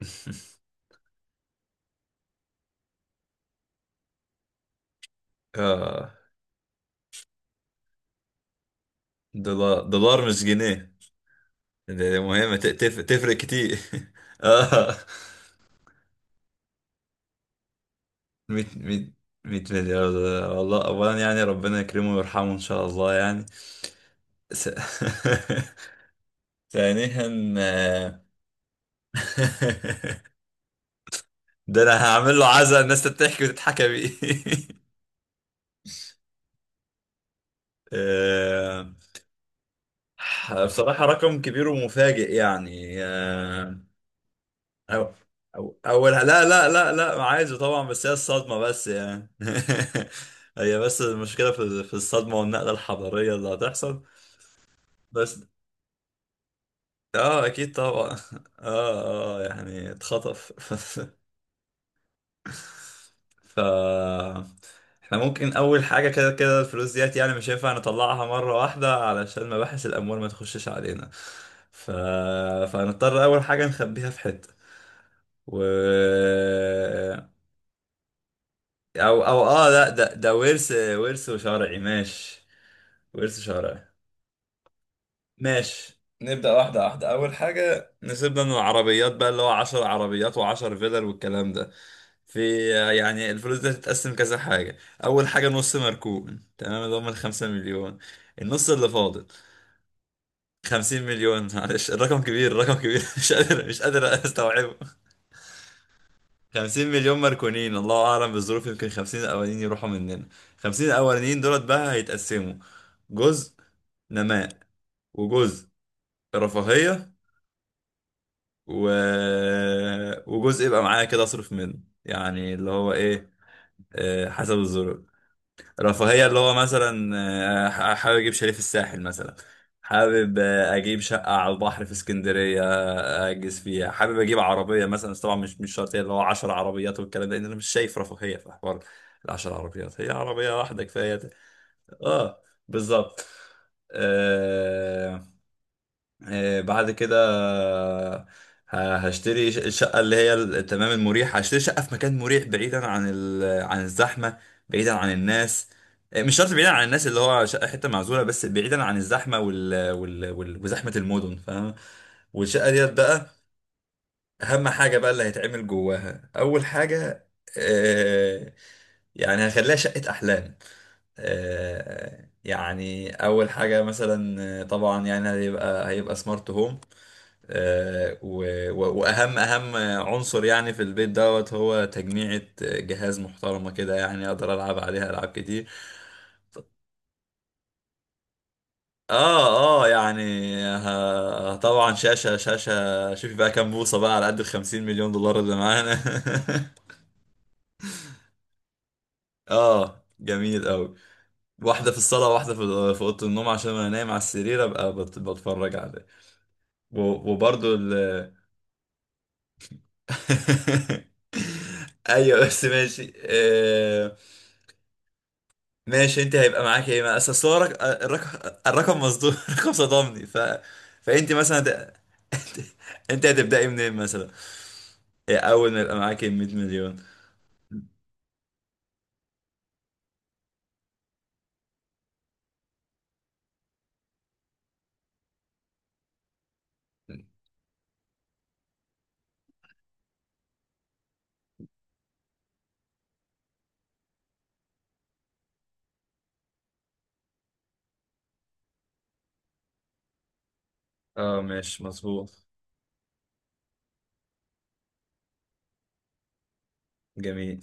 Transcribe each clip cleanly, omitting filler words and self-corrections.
اه دولار دولار، مش جنيه. ده مهمة تفرق كتير. اه، 100 100 100 مليار دولار. والله، اولا يعني ربنا يكرمه ويرحمه ان شاء الله يعني. س... ثانيا، آه، ده انا هعمل له عزا الناس تضحك وتتحكى بيه. آه، بصراحة رقم كبير ومفاجئ يعني، أو أو أولها، لا لا لا لا، عايزه طبعا، بس هي الصدمة بس يعني. هي بس المشكلة في الصدمة والنقلة الحضارية اللي هتحصل. بس اه، أكيد طبعا. اه اه، يعني اتخطف. ف احنا ممكن أول حاجة، كده كده الفلوس ديت يعني مش هينفع نطلعها مرة واحدة علشان مباحث الأموال ما تخشش علينا. ف... فهنضطر أول حاجة نخبيها في حتة. و او او اه لا، ده ورث، ورث شرعي، ماشي. ورث شرعي، ماشي. نبدأ واحدة واحدة. أول حاجة نسيبنا من العربيات بقى، اللي هو عشر عربيات وعشر فيلر والكلام ده. في يعني الفلوس دي هتتقسم كذا حاجة. أول حاجة نص مركون، تمام، اللي هم الخمسة مليون. النص اللي فاضل، خمسين مليون. معلش الرقم كبير، الرقم كبير، مش قادر، مش قادر أستوعبه. 50 مليون مركونين، الله اعلم بالظروف، يمكن 50 الاولانيين يروحوا مننا. 50 الاولانيين دولت بقى هيتقسموا. جزء نماء، وجزء رفاهية، و... وجزء يبقى معايا كده اصرف منه. يعني اللي هو ايه، حسب الظروف. رفاهية اللي هو مثلا حابب أجيب شاليه في الساحل مثلا، حابب أجيب شقة على البحر في اسكندرية، أجلس فيها، حابب أجيب عربية مثلا، بس طبعا مش شرط هي اللي هو 10 عربيات والكلام ده، لأن أنا مش شايف رفاهية في حوار. العشر عربيات هي عربية واحدة كفاية. أه، بالظبط. بعد كده الشقة اللي هي تمام المريح، هشتري شقة في مكان مريح، بعيدا عن عن الزحمة، بعيدا عن الناس. مش شرط بعيدا عن الناس اللي هو شقة حتة معزولة، بس بعيدا عن الزحمة وزحمة المدن، فاهم. والشقة ديت بقى، أهم حاجة بقى اللي هيتعمل جواها أول حاجة، آه، يعني هخليها شقة أحلام. يعني أول حاجة مثلا طبعا يعني هيبقى سمارت هوم. واهم عنصر يعني في البيت دوت، هو تجميعة جهاز محترمة كده يعني اقدر العب عليها العاب كتير. اه يعني طبعا شاشة، شوفي بقى كام بوصة بقى على قد الخمسين مليون دولار اللي معانا. اه، جميل قوي. واحدة في الصالة، واحدة في أوضة النوم، عشان انا نايم على السرير ابقى بتفرج عليه. و- وبرضو ال ايوه بس ماشي، ماشي. انت هيبقى معاك ايه؟ ما اصل هو الرقم، الرقم مصدوم، الرقم صدمني. فانت مثلا انت انت هتبداي منين مثلا؟ إيه اول ما يبقى معاك 100 مليون؟ اه ماشي، مظبوط، جميل.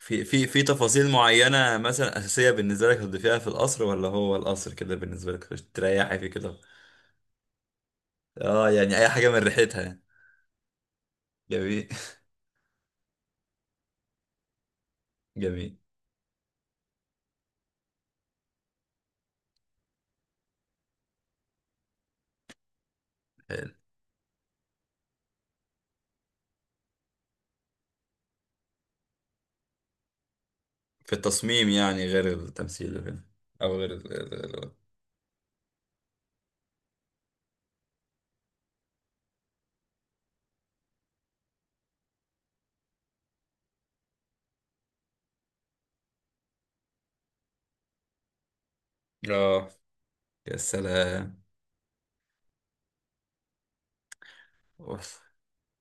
في في في تفاصيل معينة مثلا أساسية بالنسبة لك هتضيفيها في القصر، ولا هو القصر كده بالنسبة لك تريحي فيه كده؟ اه يعني أي حاجة من ريحتها يعني. جميل. جميل. حلو. في التصميم يعني، غير التمثيل وكده، أو غير ال- اه يا سلام.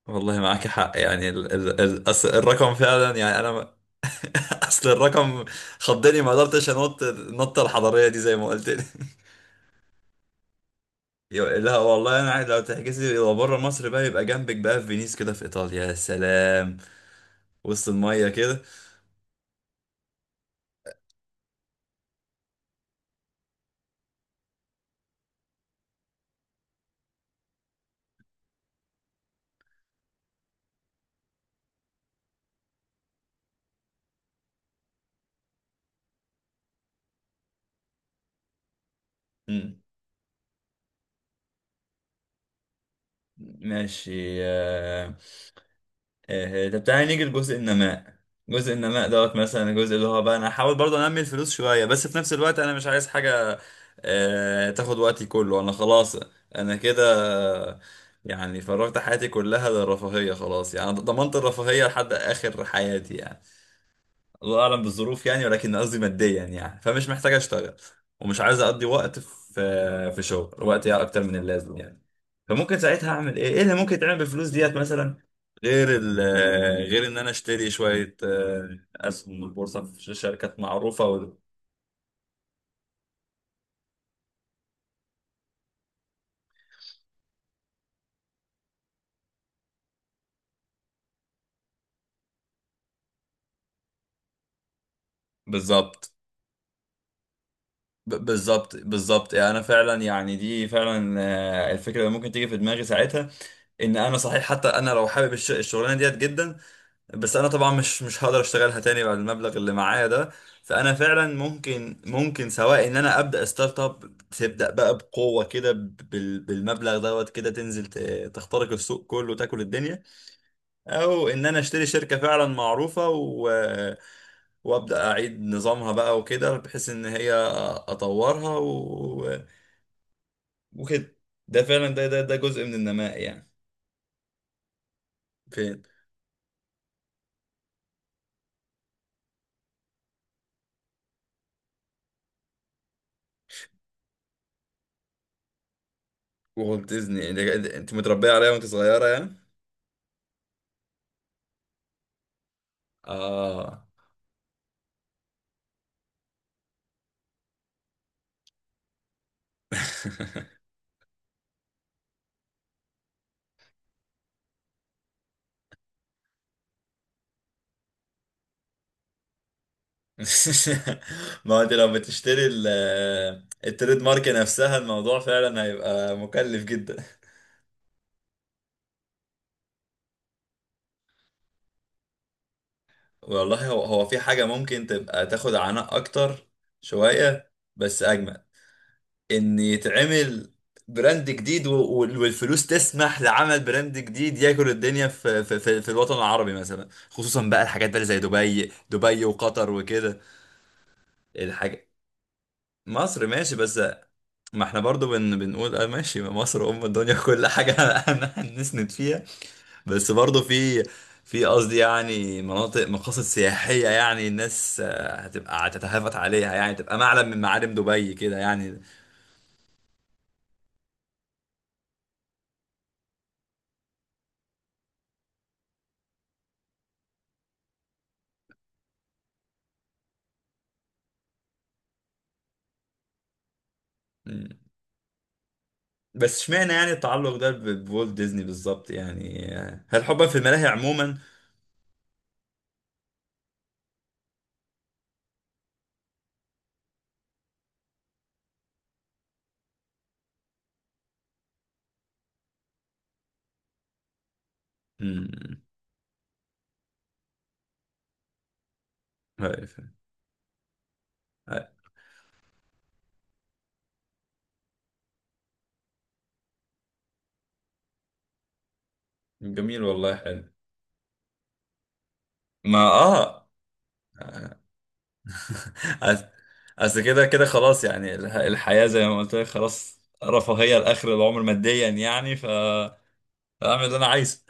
والله معاك حق يعني، ال ال ال أصل الرقم فعلا يعني، انا ما- اصل الرقم خضني، ما قدرتش انط النطه الحضاريه دي زي ما قلت لي. لا والله انا عايز لو تحجزي، لو بره مصر بقى يبقى جنبك بقى في فينيس كده في ايطاليا، يا سلام، وسط الميه كده. مم. ماشي. آه. طب تعالى نيجي لجزء النماء. جزء النماء دوت مثلا، الجزء اللي هو بقى انا هحاول برضه انمي الفلوس شويه، بس في نفس الوقت انا مش عايز حاجه تاخد وقتي كله. انا خلاص، انا كده، آه، يعني فرغت حياتي كلها للرفاهيه، خلاص يعني ضمنت الرفاهيه لحد اخر حياتي يعني، الله اعلم بالظروف يعني، ولكن قصدي ماديا يعني. فمش محتاج اشتغل، ومش عايز اقضي وقت في شغل وقت يعني اكتر من اللازم يعني. فممكن ساعتها اعمل ايه؟ ايه اللي ممكن يتعمل بالفلوس ديت مثلا، غير ال غير ان انا اشتري شويه اسهم من البورصه في شركات معروفه بالظبط. بالظبط، انا فعلا يعني دي فعلا الفكره اللي ممكن تيجي في دماغي ساعتها. ان انا صحيح حتى انا لو حابب الشغلانه ديت جدا، بس انا طبعا مش هقدر اشتغلها تاني بعد المبلغ اللي معايا ده. فانا فعلا ممكن سواء ان انا ابدا ستارت اب، تبدا بقى بقوه كده بالمبلغ دوت كده، تنزل تخترق السوق كله وتاكل الدنيا، او ان انا اشتري شركه فعلا معروفه وابدا اعيد نظامها بقى وكده، بحيث ان هي اطورها وكده. ده فعلا، ده جزء من النماء يعني. فين؟ وولت ديزني، يعني انت متربيه عليها وانت صغيره يعني. اه. ما هو انت لو بتشتري التريد مارك نفسها الموضوع فعلا هيبقى مكلف جدا. والله هو، هو في حاجة ممكن تبقى تاخد عناء أكتر شوية بس أجمل، إن يتعمل براند جديد، والفلوس تسمح لعمل براند جديد ياكل الدنيا في، في، في، في الوطن العربي مثلا، خصوصا بقى الحاجات بقى اللي زي دبي، وقطر وكده. الحاجة مصر، ماشي. بس ما احنا برضو بنقول، اه ماشي، مصر ام الدنيا كل حاجة. انا هنسند فيها، بس برضو في في قصدي يعني مناطق، مقاصد سياحية يعني، الناس هتبقى هتتهافت عليها يعني، تبقى معلم من معالم دبي كده يعني. م. بس اشمعنى يعني التعلق ده بوالت ديزني بالظبط يعني، هل حبا في الملاهي عموما؟ م. آه. آه. جميل والله، حلو. ما اه، أص- اصل كده كده خلاص يعني الحياة زي ما قلت لك خلاص رفاهية لآخر العمر ماديا يعني. اعمل اللي انا عايزه.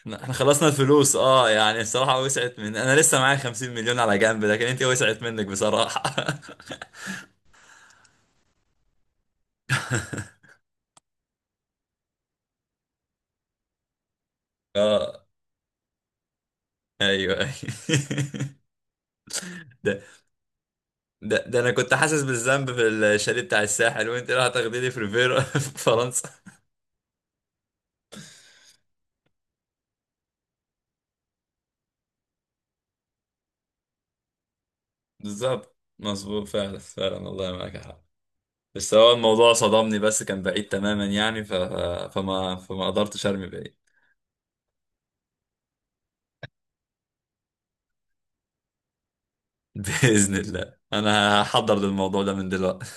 احنا خلصنا الفلوس، اه يعني الصراحة وسعت من، انا لسه معايا 50 مليون على جنب، لكن انت وسعت منك بصراحة. اه ايوه ايوه. ده ده انا كنت حاسس بالذنب في الشاليه بتاع الساحل، وانت راح تاخديني في ريفيرا في فرنسا. بالظبط، مظبوط، فعلا فعلا والله معاك حق. بس هو الموضوع صدمني، بس كان بعيد تماما يعني. ف... فما فما قدرتش ارمي بعيد. باذن الله انا هحضر للموضوع ده من دلوقتي.